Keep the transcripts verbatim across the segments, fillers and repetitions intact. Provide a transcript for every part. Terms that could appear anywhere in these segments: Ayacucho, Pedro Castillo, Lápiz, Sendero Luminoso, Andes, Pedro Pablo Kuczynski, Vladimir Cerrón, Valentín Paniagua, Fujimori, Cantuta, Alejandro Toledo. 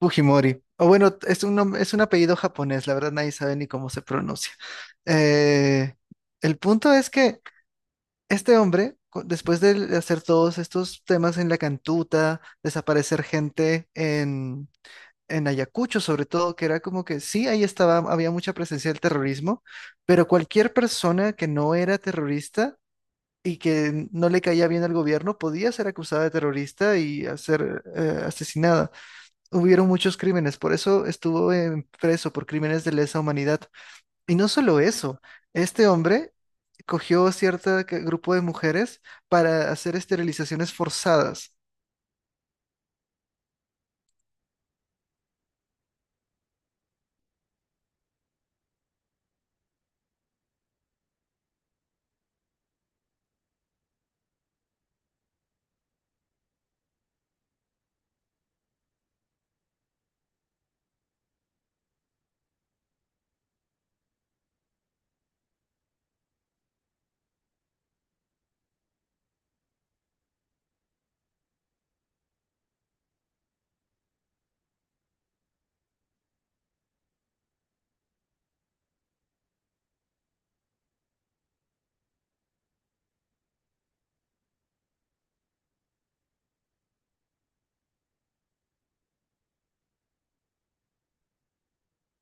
Fujimori. O bueno, es un, nom- es un apellido japonés, la verdad nadie sabe ni cómo se pronuncia. Eh, el punto es que este hombre, cu- después de hacer todos estos temas en la cantuta, desaparecer gente en, en Ayacucho, sobre todo, que era como que sí, ahí estaba, había mucha presencia del terrorismo, pero cualquier persona que no era terrorista y que no le caía bien al gobierno podía ser acusada de terrorista y hacer asesinada hubieron muchos crímenes, por eso estuvo eh, preso por crímenes de lesa humanidad. Y no solo eso, este hombre cogió cierto que- grupo de mujeres para hacer esterilizaciones forzadas.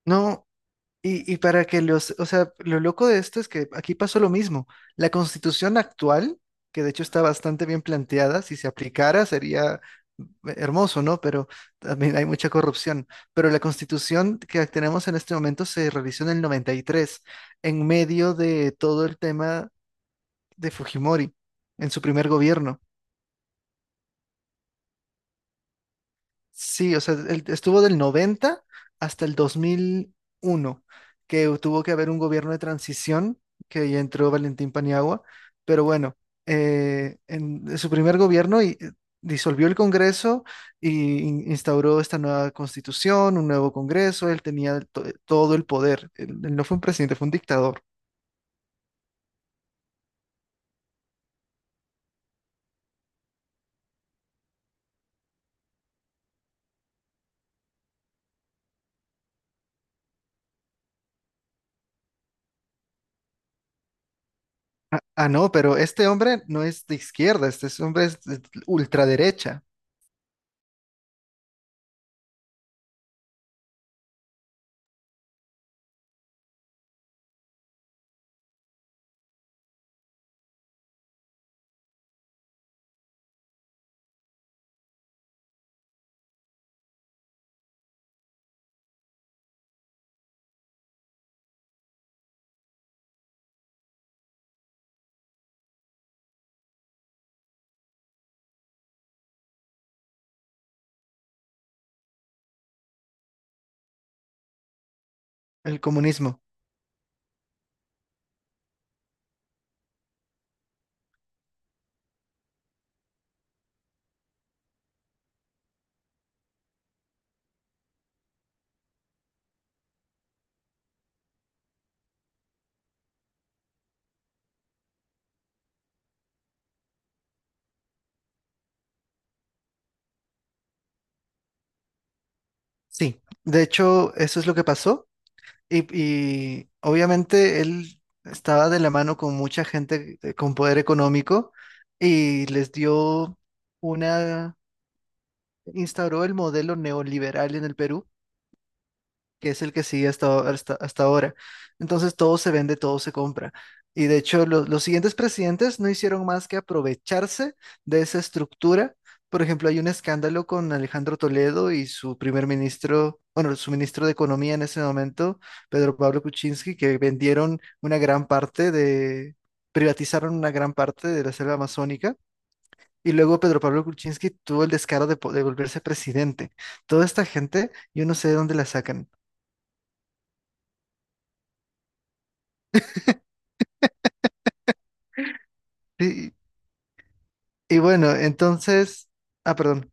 No. Y, y para que los, o sea, lo loco de esto es que aquí pasó lo mismo. La constitución actual, que de hecho está bastante bien planteada, si se aplicara sería hermoso, ¿no? Pero también hay mucha corrupción. Pero la constitución que tenemos en este momento se realizó en el noventa y tres en medio de todo el tema de Fujimori, en su primer gobierno. Sí, o sea, él estuvo del noventa hasta el dos mil uno, que tuvo que haber un gobierno de transición, que ahí entró Valentín Paniagua, pero bueno, eh, en su primer gobierno y- eh, disolvió el Congreso y in- instauró esta nueva constitución, un nuevo Congreso, él tenía to- todo el poder, él, él no fue un presidente, fue un dictador. Ah, no, pero este hombre no es de izquierda, este es- hombre es de ultraderecha, el comunismo. Sí, de hecho, eso es lo que pasó. Y, y obviamente él estaba de la mano con mucha gente eh, con poder económico y les dio una, instauró el modelo neoliberal en el Perú que es el que sigue hasta, hasta, hasta ahora. Entonces todo se vende, todo se compra. Y de hecho lo- los siguientes presidentes no hicieron más que aprovecharse de esa estructura. Por ejemplo, hay un escándalo con Alejandro Toledo y su primer ministro, bueno, su ministro de Economía en ese momento, Pedro Pablo Kuczynski, que vendieron una gran parte de, privatizaron una gran parte de la selva amazónica. Y luego Pedro Pablo Kuczynski tuvo el descaro de, po- de volverse presidente. Toda esta gente, yo no sé de dónde la sacan. Sí. Y bueno, entonces, ah, perdón.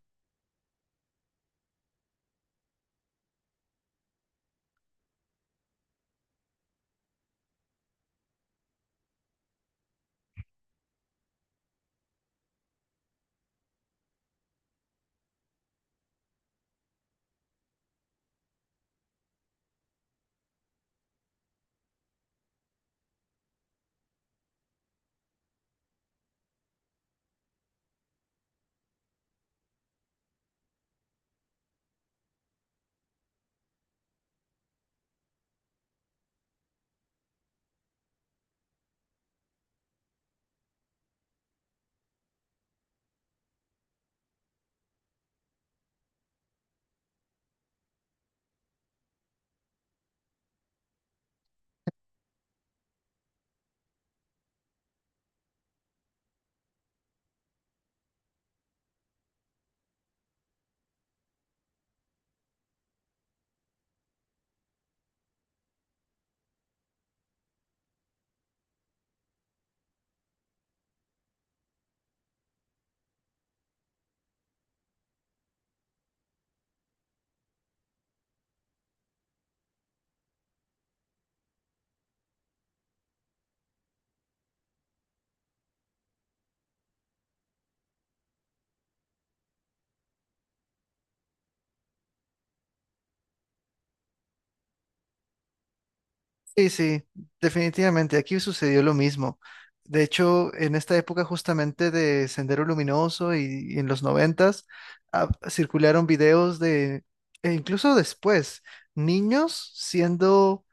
Sí, sí, definitivamente, aquí sucedió lo mismo. De hecho, en esta época justamente de Sendero Luminoso y, y en los noventas, ah, circularon videos de, e incluso después, niños siendo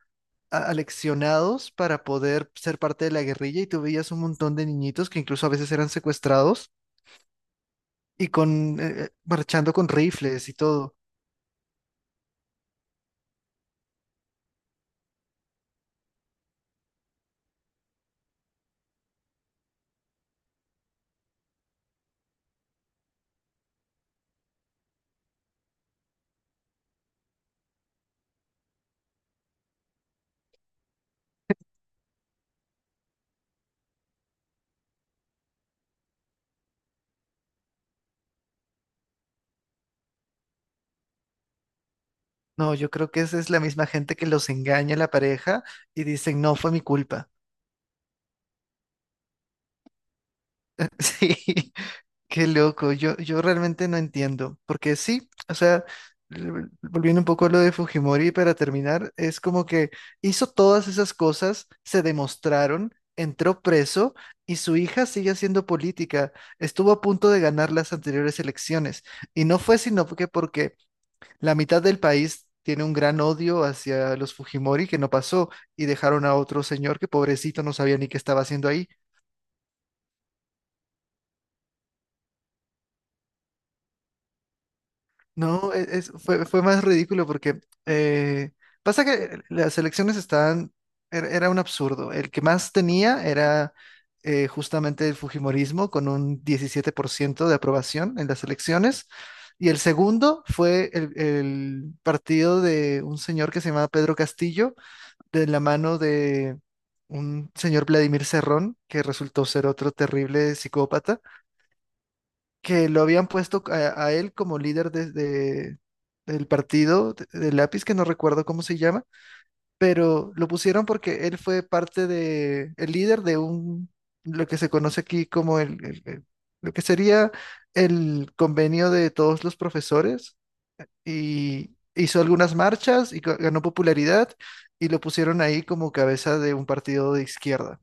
a- aleccionados para poder ser parte de la guerrilla y tú veías un montón de niñitos que incluso a veces eran secuestrados y con, eh, eh, marchando con rifles y todo. No, yo creo que esa es la misma gente que los engaña a la pareja y dicen, no fue mi culpa. Sí, qué loco. Yo, yo realmente no entiendo. Porque sí, o sea, l- volviendo un poco a lo de Fujimori para terminar, es como que hizo todas esas cosas, se demostraron, entró preso y su hija sigue haciendo política. Estuvo a punto de ganar las anteriores elecciones. Y no fue sino que porque La mitad del país tiene un gran odio hacia los Fujimori que no pasó y dejaron a otro señor que pobrecito no sabía ni qué estaba haciendo ahí. No, e- es- fue, fue más ridículo porque eh, pasa que las elecciones estaban, era, era un absurdo. El que más tenía era eh, justamente el Fujimorismo con un diecisiete por ciento de aprobación en las elecciones. Y el segundo fue el, el partido de un señor que se llamaba Pedro Castillo, de la mano de un señor Vladimir Cerrón, que resultó ser otro terrible psicópata, que lo habían puesto a, a él como líder desde del partido de, de Lápiz, que no recuerdo cómo se llama, pero lo pusieron porque él fue parte de, el líder de un, lo que se conoce aquí como el, el- el- lo que sería el convenio de todos los profesores y hizo algunas marchas y ga- ganó popularidad y lo pusieron ahí como cabeza de un partido de izquierda.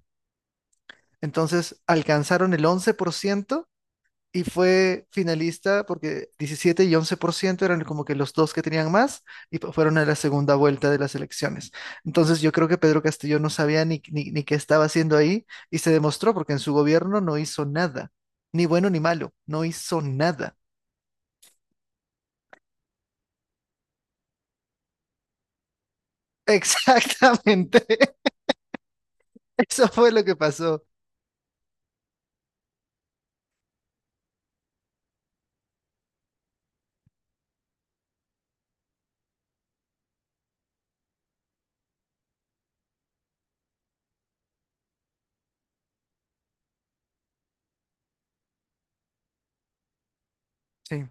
Entonces alcanzaron el once por ciento y fue finalista porque diecisiete y once por ciento eran como que los dos que tenían más y fu- fueron a la segunda vuelta de las elecciones. Entonces yo creo que Pedro Castillo no sabía ni, ni, ni qué estaba haciendo ahí y se demostró porque en su gobierno no hizo nada, ni bueno ni malo, no hizo nada. Exactamente, eso fue lo que pasó. Sí.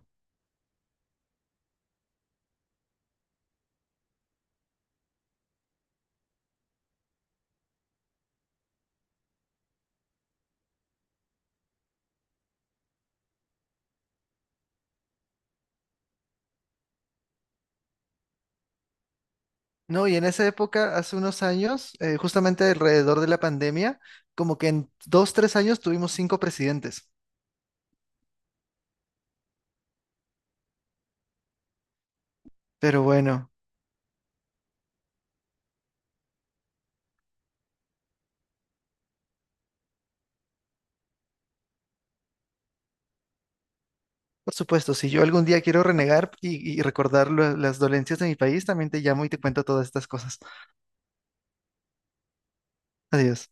No, y en esa época, hace unos años, eh, justamente alrededor de la pandemia, como que en dos, tres años tuvimos cinco presidentes. Pero bueno, por supuesto, si yo algún día quiero renegar y, y recordar lo- las dolencias de mi país, también te llamo y te cuento todas estas cosas. Adiós.